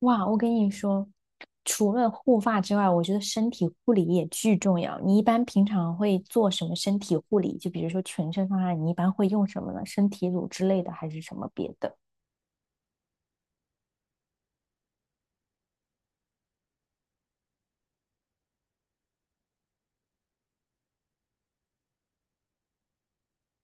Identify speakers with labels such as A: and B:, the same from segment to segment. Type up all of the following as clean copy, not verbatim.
A: 哇，我跟你说，除了护发之外，我觉得身体护理也巨重要。你一般平常会做什么身体护理？就比如说全身方案，你一般会用什么呢？身体乳之类的，还是什么别的？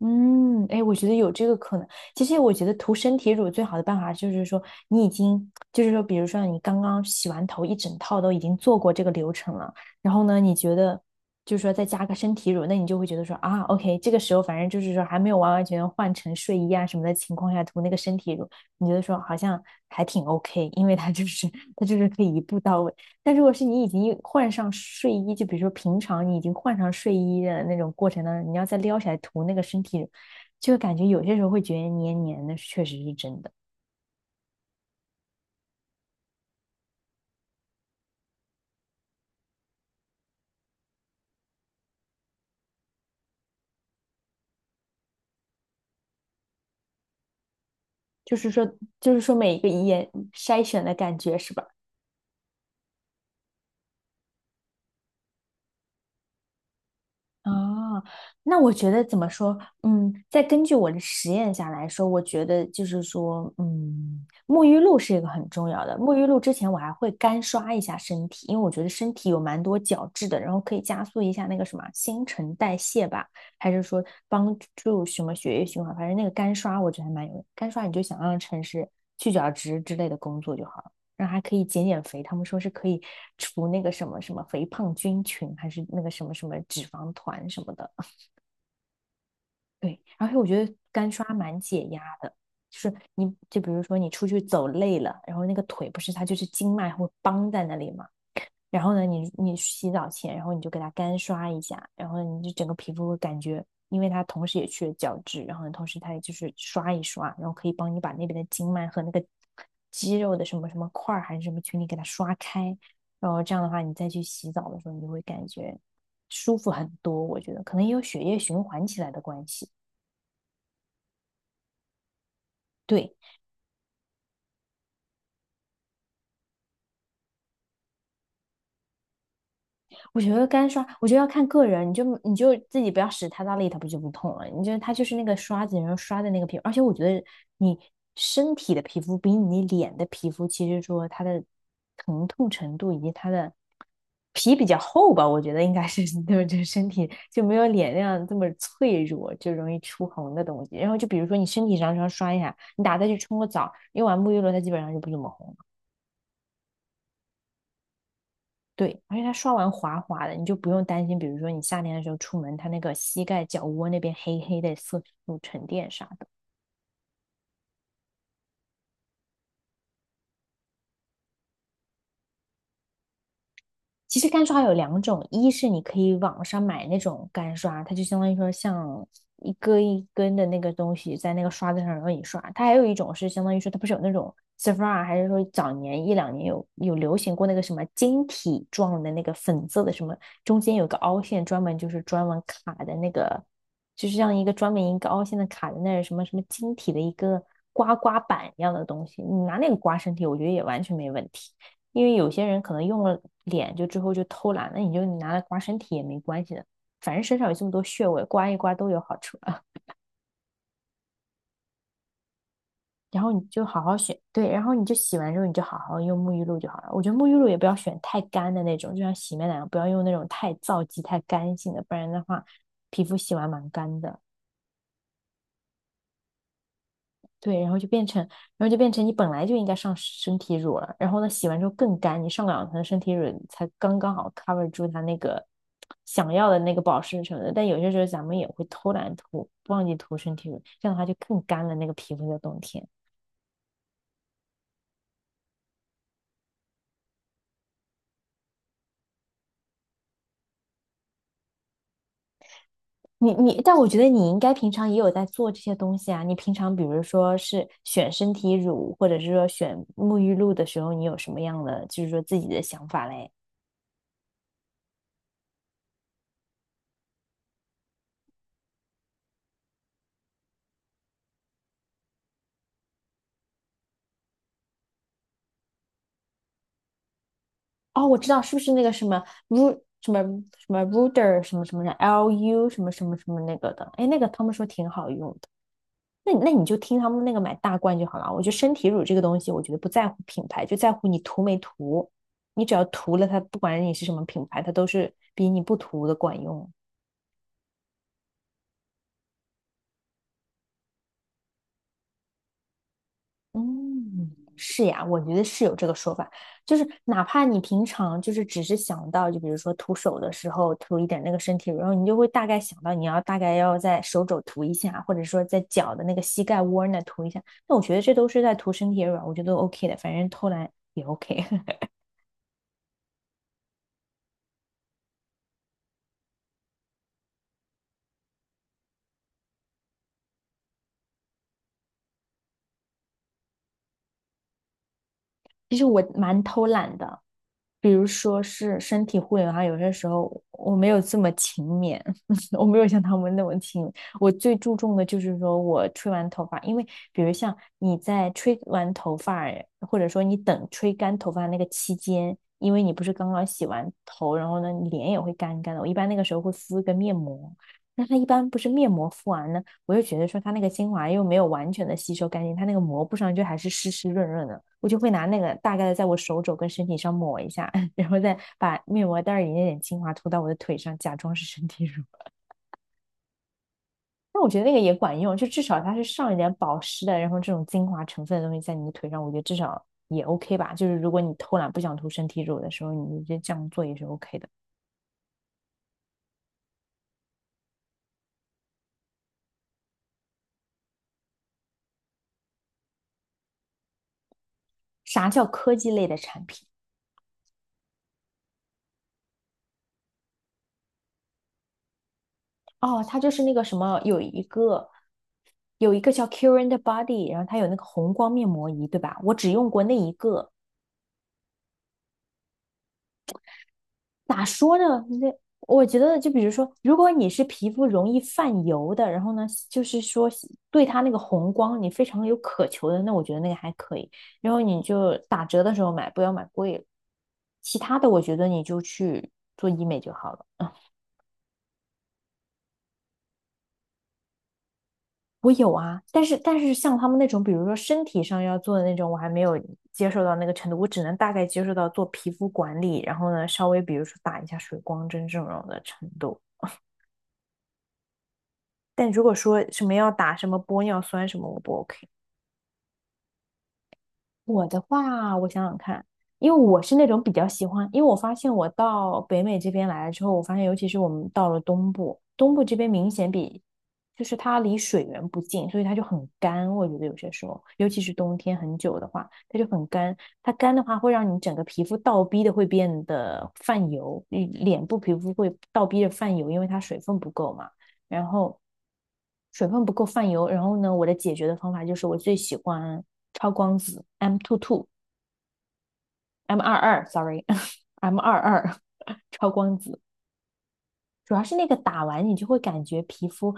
A: 嗯，哎，我觉得有这个可能。其实我觉得涂身体乳最好的办法就是说，你已经就是说，比如说你刚刚洗完头，一整套都已经做过这个流程了，然后呢，你觉得就是说再加个身体乳，那你就会觉得说啊，OK，这个时候反正就是说还没有完完全全换成睡衣啊什么的情况下涂那个身体乳，你觉得说好像还挺 OK，因为它就是可以一步到位。但如果是你已经换上睡衣，就比如说平常你已经换上睡衣的那种过程当中，你要再撩起来涂那个身体，就感觉有些时候会觉得黏黏的，确实是真的。就是说，就是说每一个眼筛选的感觉是吧？啊，那我觉得怎么说？嗯，再根据我的实验下来说，我觉得就是说，嗯，沐浴露是一个很重要的。沐浴露之前我还会干刷一下身体，因为我觉得身体有蛮多角质的，然后可以加速一下那个什么新陈代谢吧，还是说帮助什么血液循环？反正那个干刷我觉得还蛮有用，干刷你就想让城市去角质之类的工作就好了。然后还可以减减肥，他们说是可以除那个什么什么肥胖菌群，还是那个什么什么脂肪团什么的。对，而且我觉得干刷蛮解压的，就是你就比如说你出去走累了，然后那个腿不是它就是经脉会绷在那里嘛，然后呢，你洗澡前，然后你就给它干刷一下，然后你就整个皮肤会感觉，因为它同时也去了角质，然后同时它也就是刷一刷，然后可以帮你把那边的经脉和那个肌肉的什么什么块还是什么群里给它刷开，然后这样的话，你再去洗澡的时候，你就会感觉舒服很多。我觉得可能也有血液循环起来的关系。对，我觉得干刷，我觉得要看个人，你就自己不要使太大力，它不就不痛了？你就它就是那个刷子，然后刷的那个皮肤，而且我觉得你身体的皮肤比你脸的皮肤，其实说它的疼痛程度以及它的皮比较厚吧，我觉得应该是对，就是身体就没有脸那样这么脆弱，就容易出红的东西。然后就比如说你身体上稍微刷一下，你打再去冲个澡，用完沐浴露，它基本上就不怎么红。对，而且它刷完滑滑的，你就不用担心，比如说你夏天的时候出门，它那个膝盖、脚窝那边黑黑的色素沉淀啥的。其实干刷有两种，一是你可以网上买那种干刷，它就相当于说像一根一根的那个东西在那个刷子上让你刷。它还有一种是相当于说，它不是有那种 s e p h r a 还是说早年一两年有流行过那个什么晶体状的那个粉色的什么，中间有个凹陷，专门就是专门卡的那个，就是像一个专门一个凹陷的卡在那儿什么什么晶体的一个刮刮板一样的东西，你拿那个刮身体，我觉得也完全没问题。因为有些人可能用了脸就之后就偷懒，了，你就拿来刮身体也没关系的，反正身上有这么多穴位，刮一刮都有好处啊。然后你就好好选，对，然后你就洗完之后你就好好用沐浴露就好了。我觉得沐浴露也不要选太干的那种，就像洗面奶不要用那种太皂基、太干性的，不然的话皮肤洗完蛮干的。对，然后就变成，然后就变成你本来就应该上身体乳了，然后呢，洗完之后更干，你上两层身体乳才刚刚好 cover 住它那个想要的那个保湿什么的。但有些时候咱们也会偷懒涂，忘记涂身体乳，这样的话就更干了那个皮肤的冬天。你，但我觉得你应该平常也有在做这些东西啊。你平常比如说是选身体乳，或者是说选沐浴露的时候，你有什么样的就是说自己的想法嘞？哦，我知道，是不是那个什么 Ru 什么什么 Ruder 什么什么的 LU 什么什么什么那个的？哎，那个他们说挺好用的。那你就听他们那个买大罐就好了。我觉得身体乳这个东西，我觉得不在乎品牌，就在乎你涂没涂。你只要涂了它，不管你是什么品牌，它都是比你不涂的管用。嗯，是呀，我觉得是有这个说法，就是哪怕你平常就是只是想到，就比如说涂手的时候涂一点那个身体乳，然后你就会大概想到你要大概要在手肘涂一下，或者说在脚的那个膝盖窝儿那涂一下，那我觉得这都是在涂身体乳啊我觉得都 OK 的，反正偷懒也 OK 其实我蛮偷懒的，比如说是身体护理的话，有些时候我没有这么勤勉，我没有像他们那么勤勉。我最注重的就是说我吹完头发，因为比如像你在吹完头发，或者说你等吹干头发那个期间，因为你不是刚刚洗完头，然后呢，你脸也会干干的。我一般那个时候会敷一个面膜，那它一般不是面膜敷完呢，我就觉得说它那个精华又没有完全的吸收干净，它那个膜布上就还是湿湿润润的。我就会拿那个大概的在我手肘跟身体上抹一下，然后再把面膜袋里那点精华涂到我的腿上，假装是身体乳。那我觉得那个也管用，就至少它是上一点保湿的，然后这种精华成分的东西在你的腿上，我觉得至少也 OK 吧。就是如果你偷懒不想涂身体乳的时候，你就这样做也是 OK 的。啥叫科技类的产品？哦，它就是那个什么，有一个叫 Cure n t Body，然后它有那个红光面膜仪，对吧？我只用过那一个，咋说呢？那我觉得，就比如说，如果你是皮肤容易泛油的，然后呢，就是说对它那个红光你非常有渴求的，那我觉得那个还可以。然后你就打折的时候买，不要买贵了。其他的，我觉得你就去做医美就好了。我有啊，但是像他们那种，比如说身体上要做的那种，我还没有接受到那个程度，我只能大概接受到做皮肤管理，然后呢，稍微比如说打一下水光针这种的程度。但如果说什么要打什么玻尿酸什么，我不 OK。我的话，我想想看，因为我是那种比较喜欢，因为我发现我到北美这边来了之后，我发现尤其是我们到了东部，东部这边明显比，就是它离水源不近，所以它就很干。我觉得有些时候，尤其是冬天很久的话，它就很干。它干的话，会让你整个皮肤倒逼的会变得泛油，你脸部皮肤会倒逼的泛油，因为它水分不够嘛。然后水分不够泛油，然后呢，我的解决的方法就是我最喜欢超光子 M two two M 二二 sorry M22超光子，主要是那个打完你就会感觉皮肤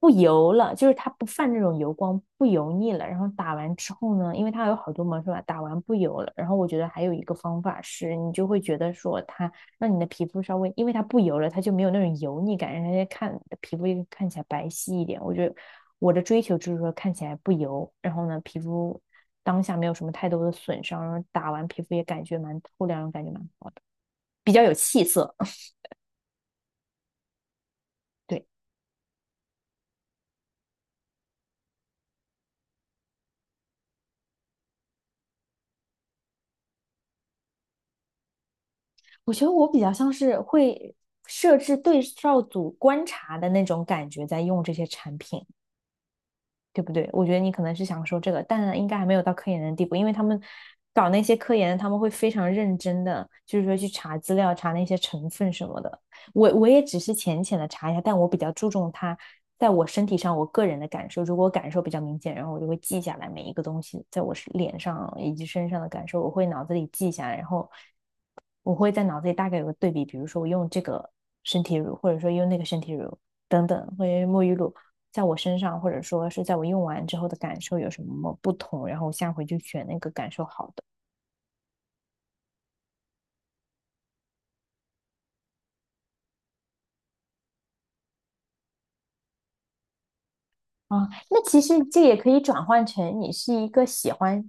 A: 不油了，就是它不泛那种油光，不油腻了。然后打完之后呢，因为它有好多毛是吧，打完不油了。然后我觉得还有一个方法是，你就会觉得说它让你的皮肤稍微，因为它不油了，它就没有那种油腻感，让人家看皮肤看起来白皙一点。我觉得我的追求就是说看起来不油，然后呢皮肤当下没有什么太多的损伤，然后打完皮肤也感觉蛮透亮，感觉蛮好的，比较有气色。对。我觉得我比较像是会设置对照组观察的那种感觉，在用这些产品，对不对？我觉得你可能是想说这个，但应该还没有到科研的地步，因为他们搞那些科研，他们会非常认真的，就是说去查资料、查那些成分什么的。我也只是浅浅的查一下，但我比较注重它在我身体上我个人的感受。如果我感受比较明显，然后我就会记下来每一个东西在我是脸上以及身上的感受，我会脑子里记下来，然后我会在脑子里大概有个对比，比如说我用这个身体乳，或者说用那个身体乳等等，或者沐浴露，在我身上，或者说是在我用完之后的感受有什么不同，然后我下回就选那个感受好的。啊，哦那其实这也可以转换成你是一个喜欢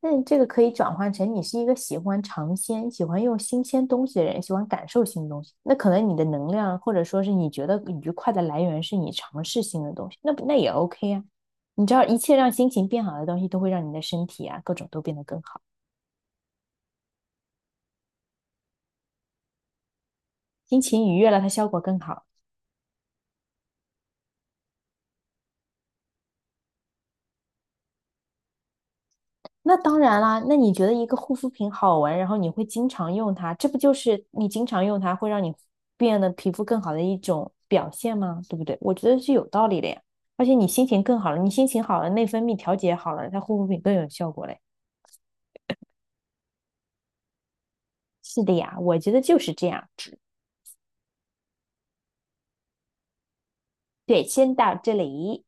A: 那这个可以转换成你是一个喜欢尝鲜、喜欢用新鲜东西的人，喜欢感受新东西。那可能你的能量，或者说是你觉得愉快的来源，是你尝试新的东西，那也 OK 啊。你知道，一切让心情变好的东西，都会让你的身体啊各种都变得更好，心情愉悦了，它效果更好。那当然啦，那你觉得一个护肤品好闻，然后你会经常用它，这不就是你经常用它会让你变得皮肤更好的一种表现吗？对不对？我觉得是有道理的呀。而且你心情更好了，你心情好了，内分泌调节好了，它护肤品更有效果嘞。是的呀，我觉得就是这样。对，先到这里。